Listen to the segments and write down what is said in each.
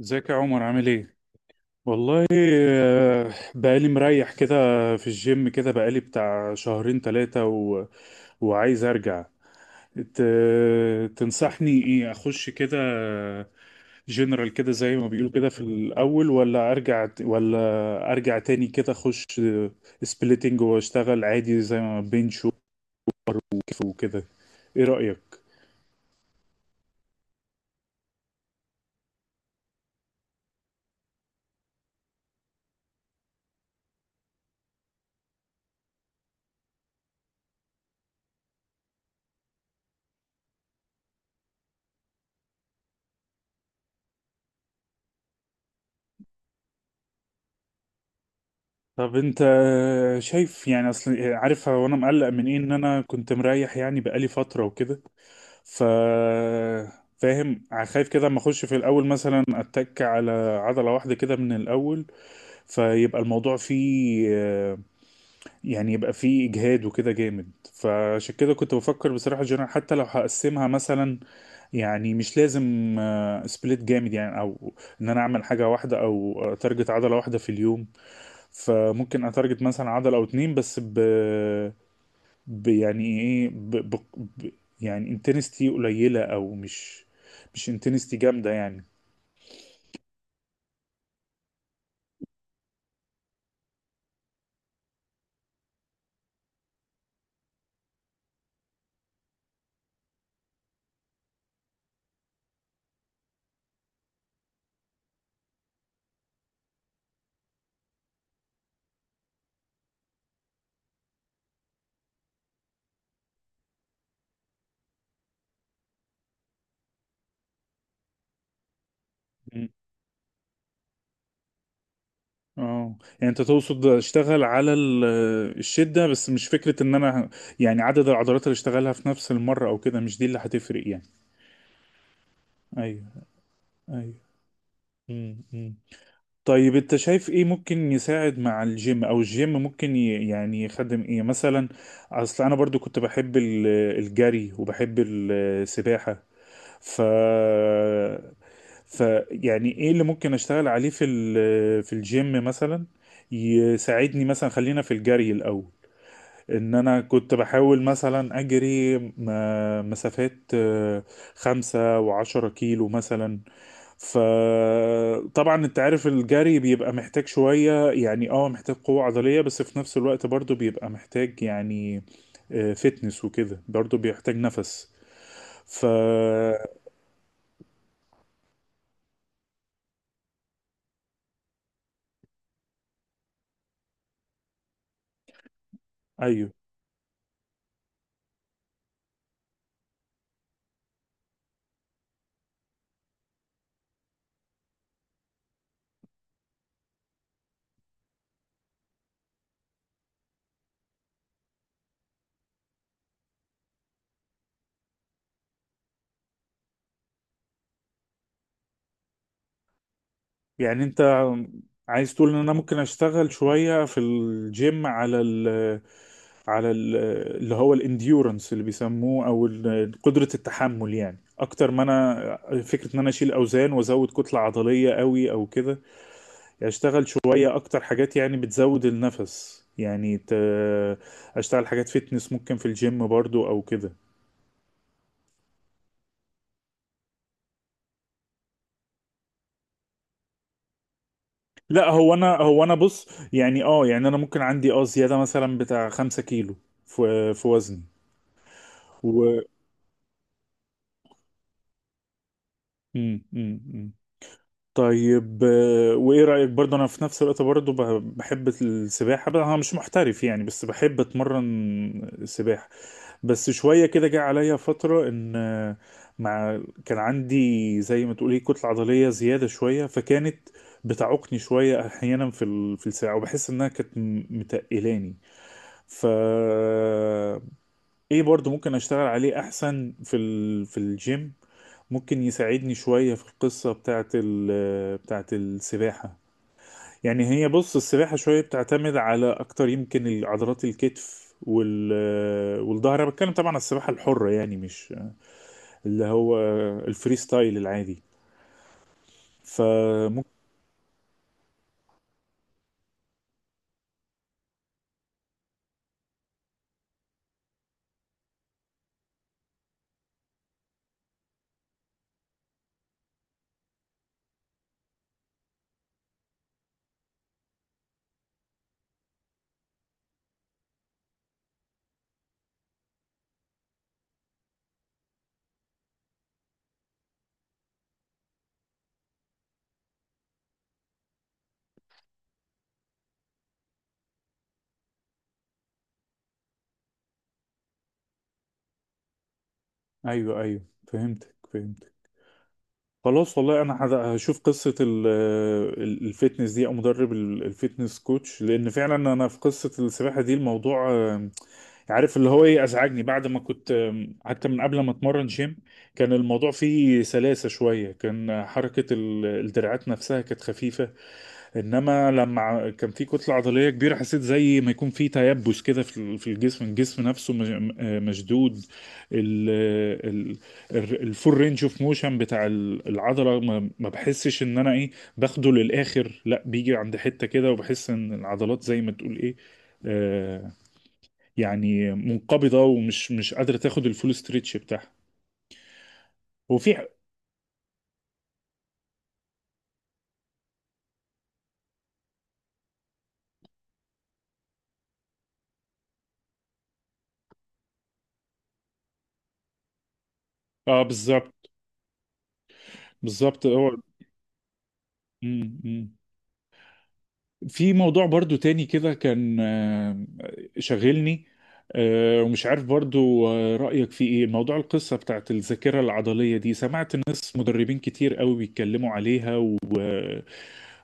ازيك يا عمر، عامل ايه؟ والله آه، بقالي مريح كده. في الجيم كده بقالي بتاع شهرين 3 وعايز ارجع. ت... تنصحني ايه، اخش كده جنرال كده زي ما بيقولوا كده في الاول، ولا ارجع ولا ارجع تاني كده، اخش سبليتنج واشتغل عادي زي ما بنش وكيف وكده؟ ايه رأيك؟ طب انت شايف يعني، اصل عارف هو انا مقلق من ايه، ان انا كنت مريح يعني بقالي فترة وكده. ف فاهم، خايف كده اما اخش في الاول مثلا اتك على عضله واحده كده من الاول، فيبقى الموضوع فيه يعني يبقى فيه اجهاد وكده جامد. فعشان كده كنت بفكر بصراحه جنرال، حتى لو هقسمها، مثلا يعني مش لازم سبليت جامد يعني، او ان انا اعمل حاجه واحده او تارجت عضله واحده في اليوم. فممكن اتارجت مثلا عضله او اتنين، بس يعني ايه ب ب ب يعني انتنستي قليلة، او مش انتنستي جامدة يعني. مم. اه يعني انت تقصد اشتغل على الشدة بس، مش فكرة ان انا يعني عدد العضلات اللي اشتغلها في نفس المرة او كده، مش دي اللي هتفرق يعني. ايوه ايوه. مم. مم. طيب انت شايف ايه ممكن يساعد مع الجيم، او الجيم ممكن يعني يخدم ايه مثلا؟ اصل انا برضو كنت بحب الجري، وبحب السباحة. ف ف يعني ايه اللي ممكن اشتغل عليه في في الجيم مثلا يساعدني مثلا. خلينا في الجري الاول، ان انا كنت بحاول مثلا اجري مسافات، 5 و10 كيلو مثلا. فطبعا انت عارف الجري بيبقى محتاج شوية، يعني محتاج قوة عضلية، بس في نفس الوقت برضو بيبقى محتاج يعني فتنس وكده، برضو بيحتاج نفس. ف أيوه. يعني انت عايز تقول ان انا ممكن اشتغل شوية في الجيم على ال، على ال اللي هو الانديورنس اللي بيسموه، او قدرة التحمل، يعني اكتر ما انا فكرة ان انا اشيل اوزان وازود كتلة عضلية قوي او كده. يعني اشتغل شوية اكتر حاجات يعني بتزود النفس، يعني اشتغل حاجات فيتنس ممكن في الجيم برضو او كده. لا، هو انا بص، يعني يعني انا ممكن عندي زيادة مثلا بتاع 5 كيلو في وزني. مم، مم، مم. طيب وايه رأيك برضه؟ انا في نفس الوقت برضه بحب السباحة. بقى انا مش محترف يعني، بس بحب اتمرن سباحة. بس شوية كده جه عليا فترة ان مع كان عندي زي ما تقولي كتلة عضلية زيادة شوية، فكانت بتعوقني شوية احيانا في في الساعة، وبحس انها كانت متقلاني. ف ايه برضو ممكن اشتغل عليه احسن في الجيم، ممكن يساعدني شوية في القصة بتاعت بتاعت السباحة؟ يعني هي بص، السباحة شوية بتعتمد على، اكتر يمكن، عضلات الكتف والظهر. انا بتكلم طبعا على السباحة الحرة، يعني مش اللي هو الفري ستايل العادي. فممكن ايوه ايوه، فهمتك فهمتك. خلاص والله انا هشوف قصه الفيتنس دي، او مدرب الفيتنس كوتش، لان فعلا انا في قصه السباحه دي الموضوع عارف اللي هو ايه ازعجني. بعد ما كنت حتى من قبل ما اتمرن جيم، كان الموضوع فيه سلاسه شويه، كان حركه الدراعات نفسها كانت خفيفه. انما لما كان في كتله عضليه كبيره، حسيت زي ما يكون في تيبس كده في الجسم. الجسم نفسه مشدود. ال ال الفول رينج اوف موشن بتاع العضله، ما بحسش ان انا ايه باخده للاخر. لا، بيجي عند حته كده، وبحس ان العضلات زي ما تقول ايه آه يعني منقبضه، ومش مش قادره تاخد الفول ستريتش بتاعها. وفي ح- اه بالظبط. بالظبط هو. مم، مم. في موضوع برضو تاني كده كان شاغلني، ومش عارف برضو رأيك في ايه. موضوع القصة بتاعت الذاكرة العضلية دي، سمعت ناس مدربين كتير قوي بيتكلموا عليها،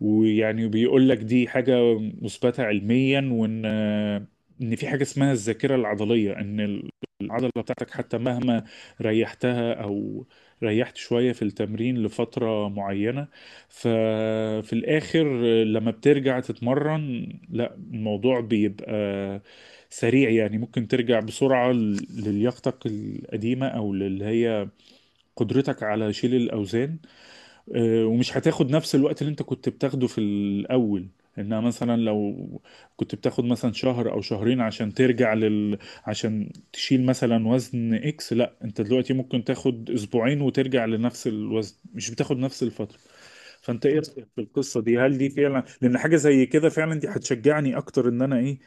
ويعني بيقول لك دي حاجة مثبتة علميا، وان في حاجة اسمها الذاكرة العضلية. ان العضلة بتاعتك، حتى مهما ريحتها او ريحت شوية في التمرين لفترة معينة، ففي الاخر لما بترجع تتمرن، لا الموضوع بيبقى سريع. يعني ممكن ترجع بسرعة للياقتك القديمة، او اللي هي قدرتك على شيل الاوزان، ومش هتاخد نفس الوقت اللي انت كنت بتاخده في الاول. انها مثلا لو كنت بتاخد مثلا شهر او شهرين عشان ترجع عشان تشيل مثلا وزن اكس، لا، انت دلوقتي ممكن تاخد اسبوعين وترجع لنفس الوزن، مش بتاخد نفس الفترة. فانت ايه رأيك في القصة دي؟ هل دي فعلا؟ لان حاجة زي كده فعلا دي هتشجعني اكتر، ان انا ايه،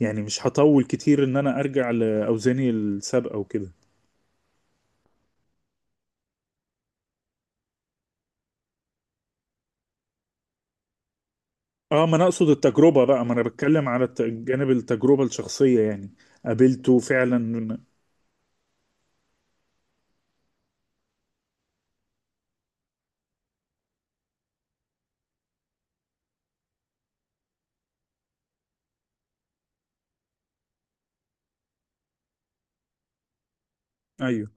يعني مش هطول كتير ان انا ارجع لاوزاني السابقة وكده. اه ما انا اقصد التجربة بقى، ما انا بتكلم على جانب التجربة الشخصية يعني. قابلته فعلا. ايوه.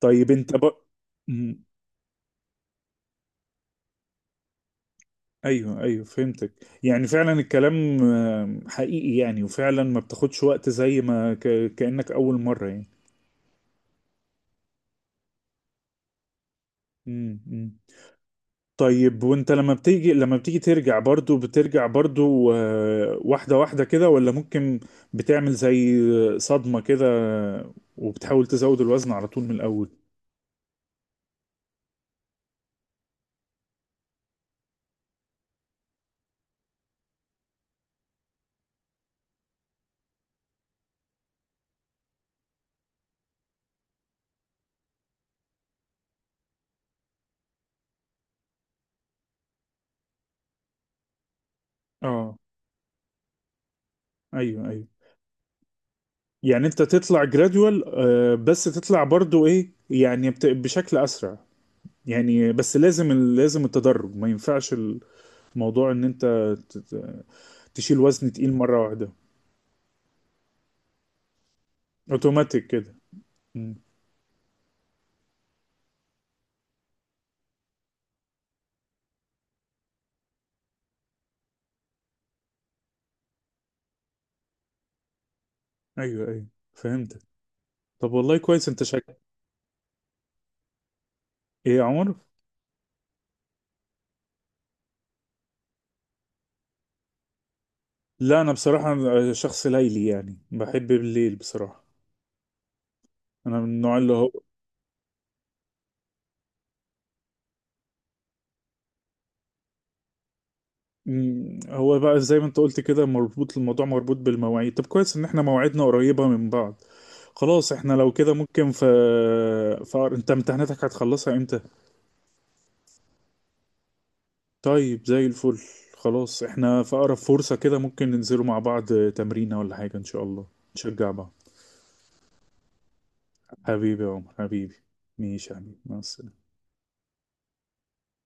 طيب انت بقى. مم. ايوه ايوه، فهمتك. يعني فعلا الكلام حقيقي، يعني وفعلا ما بتاخدش وقت زي ما كأنك اول مرة يعني. مم. مم. طيب وانت لما بتيجي ترجع، برضو بترجع برضو واحدة واحدة كده، ولا ممكن بتعمل زي صدمة كده وبتحاول تزود الوزن على طول من الاول؟ اه، ايوه ايوه. يعني انت تطلع جراديوال، بس تطلع برضو ايه، يعني بشكل اسرع. يعني بس لازم التدرج، ما ينفعش الموضوع ان انت ت- ت- تشيل وزن تقيل مرة واحدة. اوتوماتيك كده. مم. ايوه ايوه، فهمتك. طب والله كويس. انت شك ايه يا عمر؟ لا انا بصراحة شخص ليلي يعني، بحب بالليل بصراحة. انا من النوع اللي هو. مم، هو بقى زي ما انت قلت كده، مربوط الموضوع مربوط بالمواعيد. طب كويس ان احنا مواعيدنا قريبة من بعض. خلاص احنا لو كده، ممكن انت امتحاناتك هتخلصها امتى؟ طيب زي الفل. خلاص احنا في اقرب فرصة كده ممكن ننزلوا مع بعض تمرينة ولا حاجة ان شاء الله، نشجع بعض. حبيبي يا عمر، حبيبي، ماشي يا حبيبي، مع السلامة.